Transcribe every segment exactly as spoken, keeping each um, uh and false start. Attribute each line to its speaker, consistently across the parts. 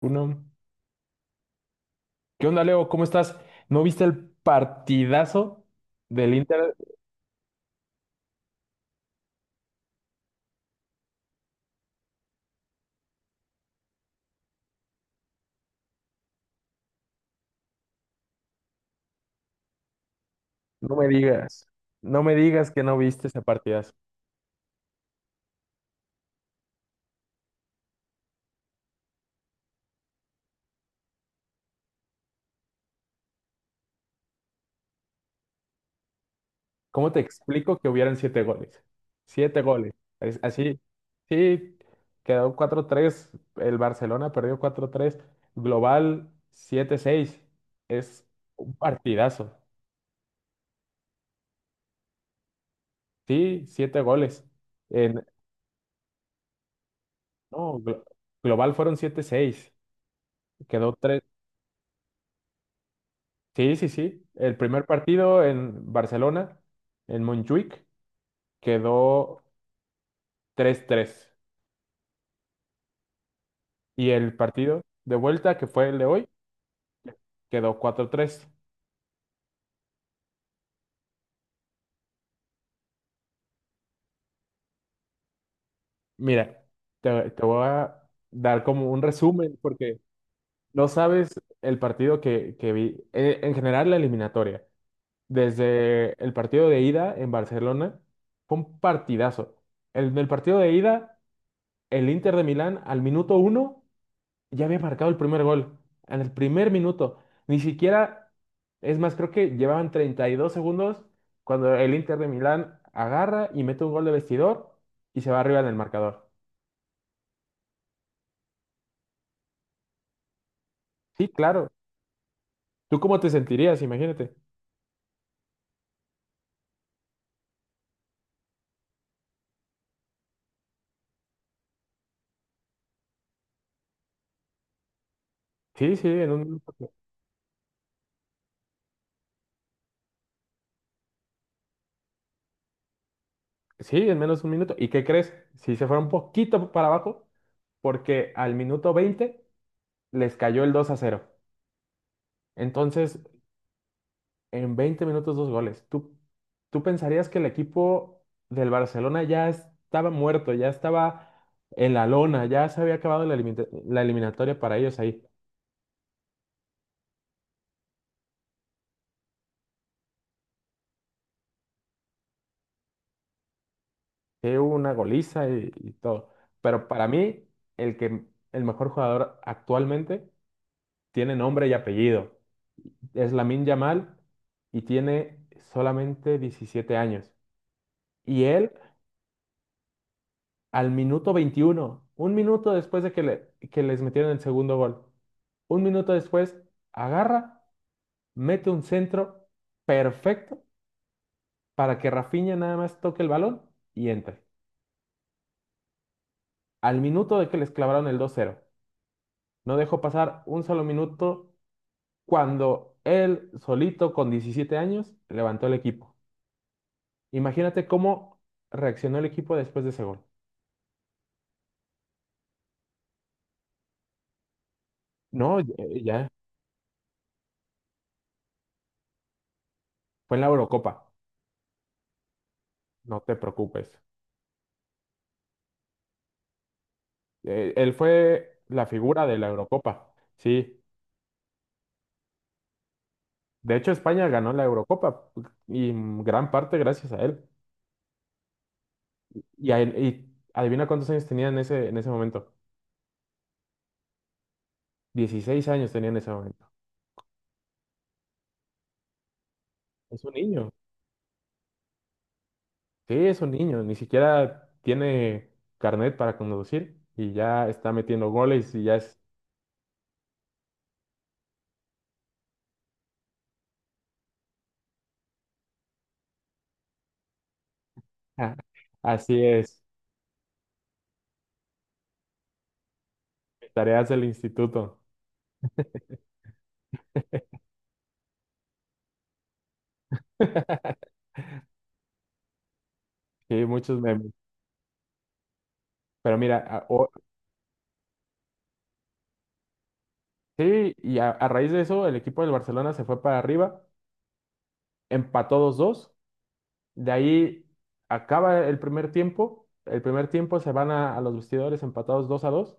Speaker 1: Uno. ¿Qué onda, Leo? ¿Cómo estás? ¿No viste el partidazo del Inter? No me digas, no me digas que no viste ese partidazo. ¿Cómo te explico que hubieran siete goles? Siete goles. Es- Así, sí, quedó cuatro tres. El Barcelona perdió cuatro tres, global siete seis. Es un partidazo. Sí, siete goles. En, no, glo- global fueron siete seis. quedó tres. Sí, sí, sí. El primer partido en Barcelona, en Montjuic, quedó tres tres. Y el partido de vuelta, que fue el de hoy, quedó cuatro tres. Mira, te, te voy a dar como un resumen, porque no sabes el partido que, que vi. Eh, En general, la eliminatoria. Desde el partido de ida en Barcelona, fue un partidazo. En el partido de ida, el Inter de Milán al minuto uno ya había marcado el primer gol en el primer minuto. Ni siquiera, es más, creo que llevaban treinta y dos segundos cuando el Inter de Milán agarra y mete un gol de vestidor y se va arriba en el marcador. Sí, claro. ¿Tú cómo te sentirías? Imagínate. Sí, sí, en un minuto. Sí, en menos de un minuto. ¿Y qué crees? Si se fue un poquito para abajo, porque al minuto veinte les cayó el dos a cero. Entonces, en veinte minutos, dos goles. ¿Tú, tú pensarías que el equipo del Barcelona ya estaba muerto, ya estaba en la lona, ya se había acabado la, elimita- la eliminatoria para ellos ahí? Sí, hubo una goliza y, y todo. Pero para mí, el que el mejor jugador actualmente tiene nombre y apellido. Es Lamine Yamal y tiene solamente diecisiete años. Y él al minuto veintiuno, un minuto después de que, le- que les metieron el segundo gol. Un minuto después, agarra, mete un centro perfecto para que Rafinha nada más toque el balón y entre. Al minuto de que les clavaron el dos cero, no dejó pasar un solo minuto cuando él solito, con diecisiete años, levantó el equipo. Imagínate cómo reaccionó el equipo después de ese gol. No, ya ya, fue en la Eurocopa. No te preocupes. Eh, él fue la figura de la Eurocopa, sí. De hecho, España ganó la Eurocopa y en gran parte gracias a él. Y, a él- y adivina cuántos años tenía en ese, en ese momento. Dieciséis años tenía en ese momento. Es un niño. Sí, es un niño. Ni siquiera tiene carnet para conducir y ya está metiendo goles y ya es... Así es. Tareas del instituto. Sí, muchos memes. Pero mira, a- o- sí, y a, a raíz de eso, el equipo del Barcelona se fue para arriba, empató dos a dos. De ahí acaba el primer tiempo. El primer tiempo se van a, a los vestidores empatados dos a dos.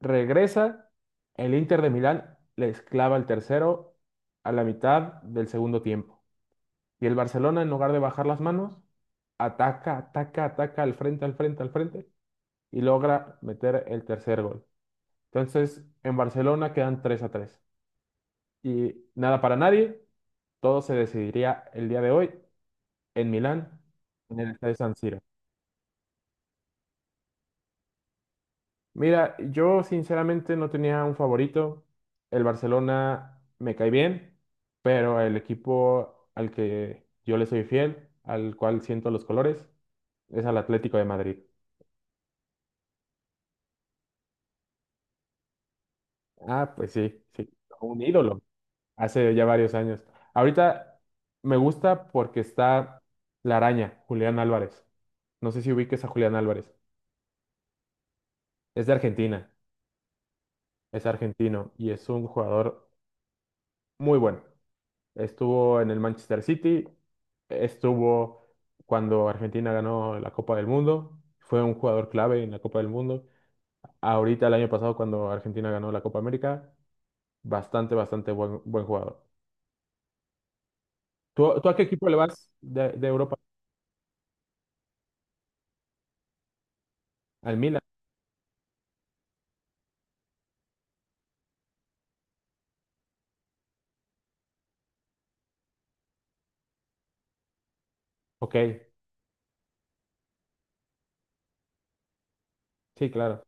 Speaker 1: Regresa el Inter de Milán, les clava el tercero a la mitad del segundo tiempo. Y el Barcelona, en lugar de bajar las manos, ataca, ataca, ataca al frente, al frente, al frente y logra meter el tercer gol. Entonces, en Barcelona quedan tres a tres. Y nada para nadie, todo se decidiría el día de hoy en Milán, en el estadio San Siro. Mira, yo sinceramente no tenía un favorito. El Barcelona me cae bien, pero el equipo al que yo le soy fiel, al cual siento los colores, es al Atlético de Madrid. Ah, pues sí, sí, un ídolo, hace ya varios años. Ahorita me gusta porque está la araña, Julián Álvarez. No sé si ubiques a Julián Álvarez. Es de Argentina, es argentino y es un jugador muy bueno. Estuvo en el Manchester City, estuvo cuando Argentina ganó la Copa del Mundo, fue un jugador clave en la Copa del Mundo. Ahorita el año pasado cuando Argentina ganó la Copa América, bastante, bastante buen, buen jugador. ¿Tú, tú a qué equipo le vas de, de Europa? ¿Al Milan? Ok, sí, claro.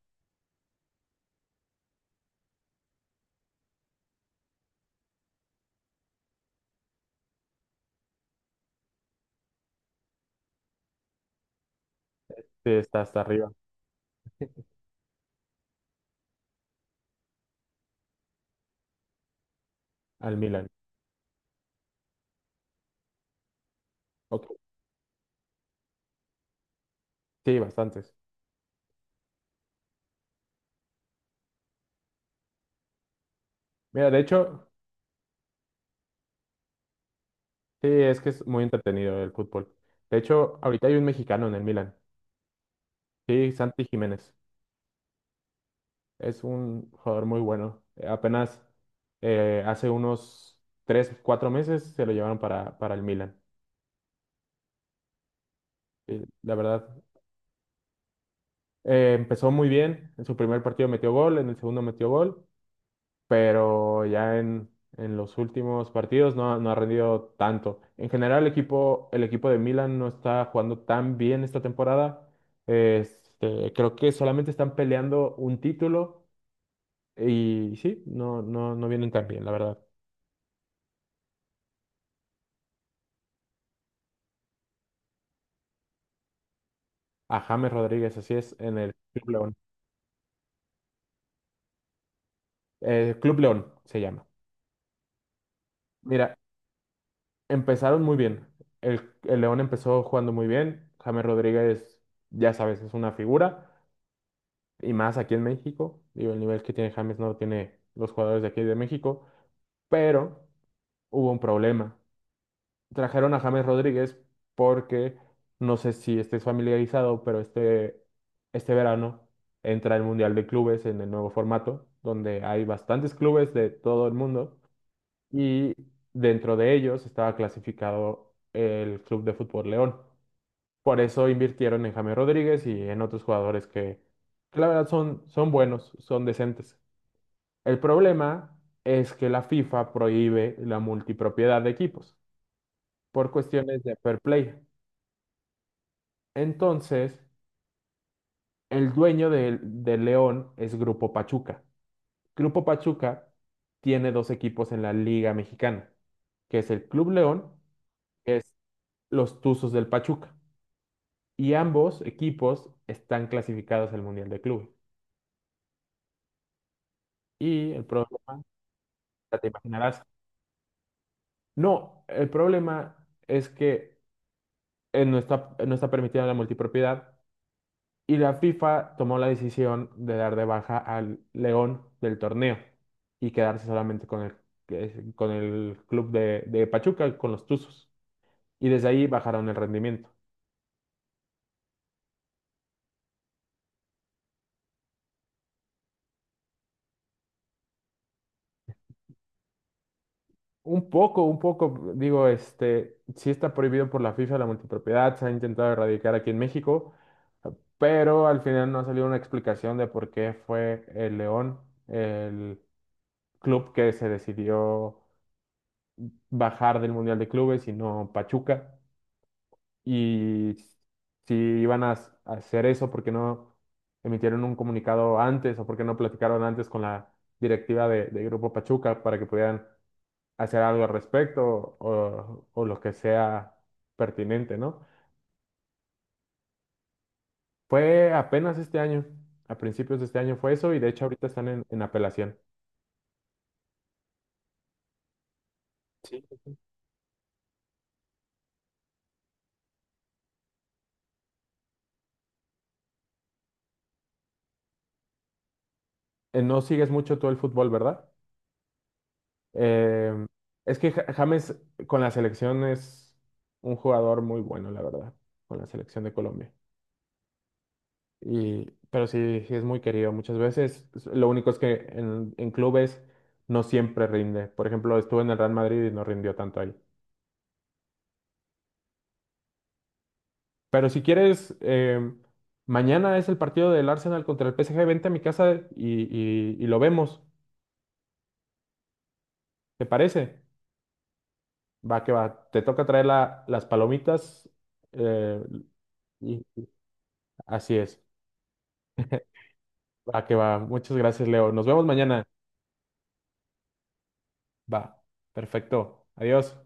Speaker 1: Sí, está hasta arriba, al Milan. Ok, sí, bastantes. Mira, de hecho, sí, es que es muy entretenido el fútbol. De hecho, ahorita hay un mexicano en el Milan. Sí, Santi Jiménez. Es un jugador muy bueno. Eh, Apenas eh, hace unos tres, cuatro meses se lo llevaron para, para el Milan. Y la verdad, eh, empezó muy bien. En su primer partido metió gol, en el segundo metió gol, pero ya en, en los últimos partidos no, ha- no ha rendido tanto. En general, el equipo, el equipo de Milan no está jugando tan bien esta temporada. Este, creo que solamente están peleando un título y sí, no, no, no vienen tan bien, la verdad. A James Rodríguez, así es, en el Club León. Eh, Club León se llama. Mira, empezaron muy bien. El, el León empezó jugando muy bien. James Rodríguez, ya sabes, es una figura. Y más aquí en México. Digo, el nivel que tiene James no lo tiene los jugadores de aquí de México. Pero hubo un problema. Trajeron a James Rodríguez porque, no sé si estés familiarizado, pero este, este verano entra el Mundial de Clubes en el nuevo formato, donde hay bastantes clubes de todo el mundo y dentro de ellos estaba clasificado el Club de Fútbol León. Por eso invirtieron en James Rodríguez y en otros jugadores que, que la verdad son, son buenos, son decentes. El problema es que la FIFA prohíbe la multipropiedad de equipos por cuestiones de fair play. Entonces, el dueño del del León es Grupo Pachuca. Grupo Pachuca tiene dos equipos en la Liga Mexicana, que es el Club León, que es los Tuzos del Pachuca. Y ambos equipos están clasificados al Mundial de Clubes. Y el problema, ya te imaginarás, no, el problema es que eh, no está, no está permitida la multipropiedad y la FIFA tomó la decisión de dar de baja al León del torneo y quedarse solamente con el, que es- con el club de, de Pachuca, con los Tuzos. Y desde ahí bajaron el rendimiento. Un poco, un poco, digo, este, sí está prohibido por la FIFA la multipropiedad, se ha intentado erradicar aquí en México, pero al final no ha salido una explicación de por qué fue el León, el club que se decidió bajar del Mundial de Clubes y no Pachuca, y si iban a s- a hacer eso, ¿por qué no emitieron un comunicado antes o por qué no platicaron antes con la directiva de, de Grupo Pachuca para que pudieran hacer algo al respecto o, o lo que sea pertinente, ¿no? Fue apenas este año, a principios de este año fue eso y de hecho ahorita están en, en apelación. Sí. Eh, no sigues mucho tú el fútbol, ¿verdad? Eh, es que Ja- James con la selección es un jugador muy bueno, la verdad, con la selección de Colombia. Y, pero sí, sí es muy querido muchas veces. S- Lo único es que en, en clubes no siempre rinde. Por ejemplo, estuvo en el Real Madrid y no rindió tanto ahí. Pero si quieres, eh, mañana es el partido del Arsenal contra el P S G. Vente a mi casa y, y- y lo vemos. ¿Te parece? Va que va. Te toca traer la- las palomitas. eh, y así es. Va que va. Muchas gracias, Leo. Nos vemos mañana. Va. Perfecto. Adiós.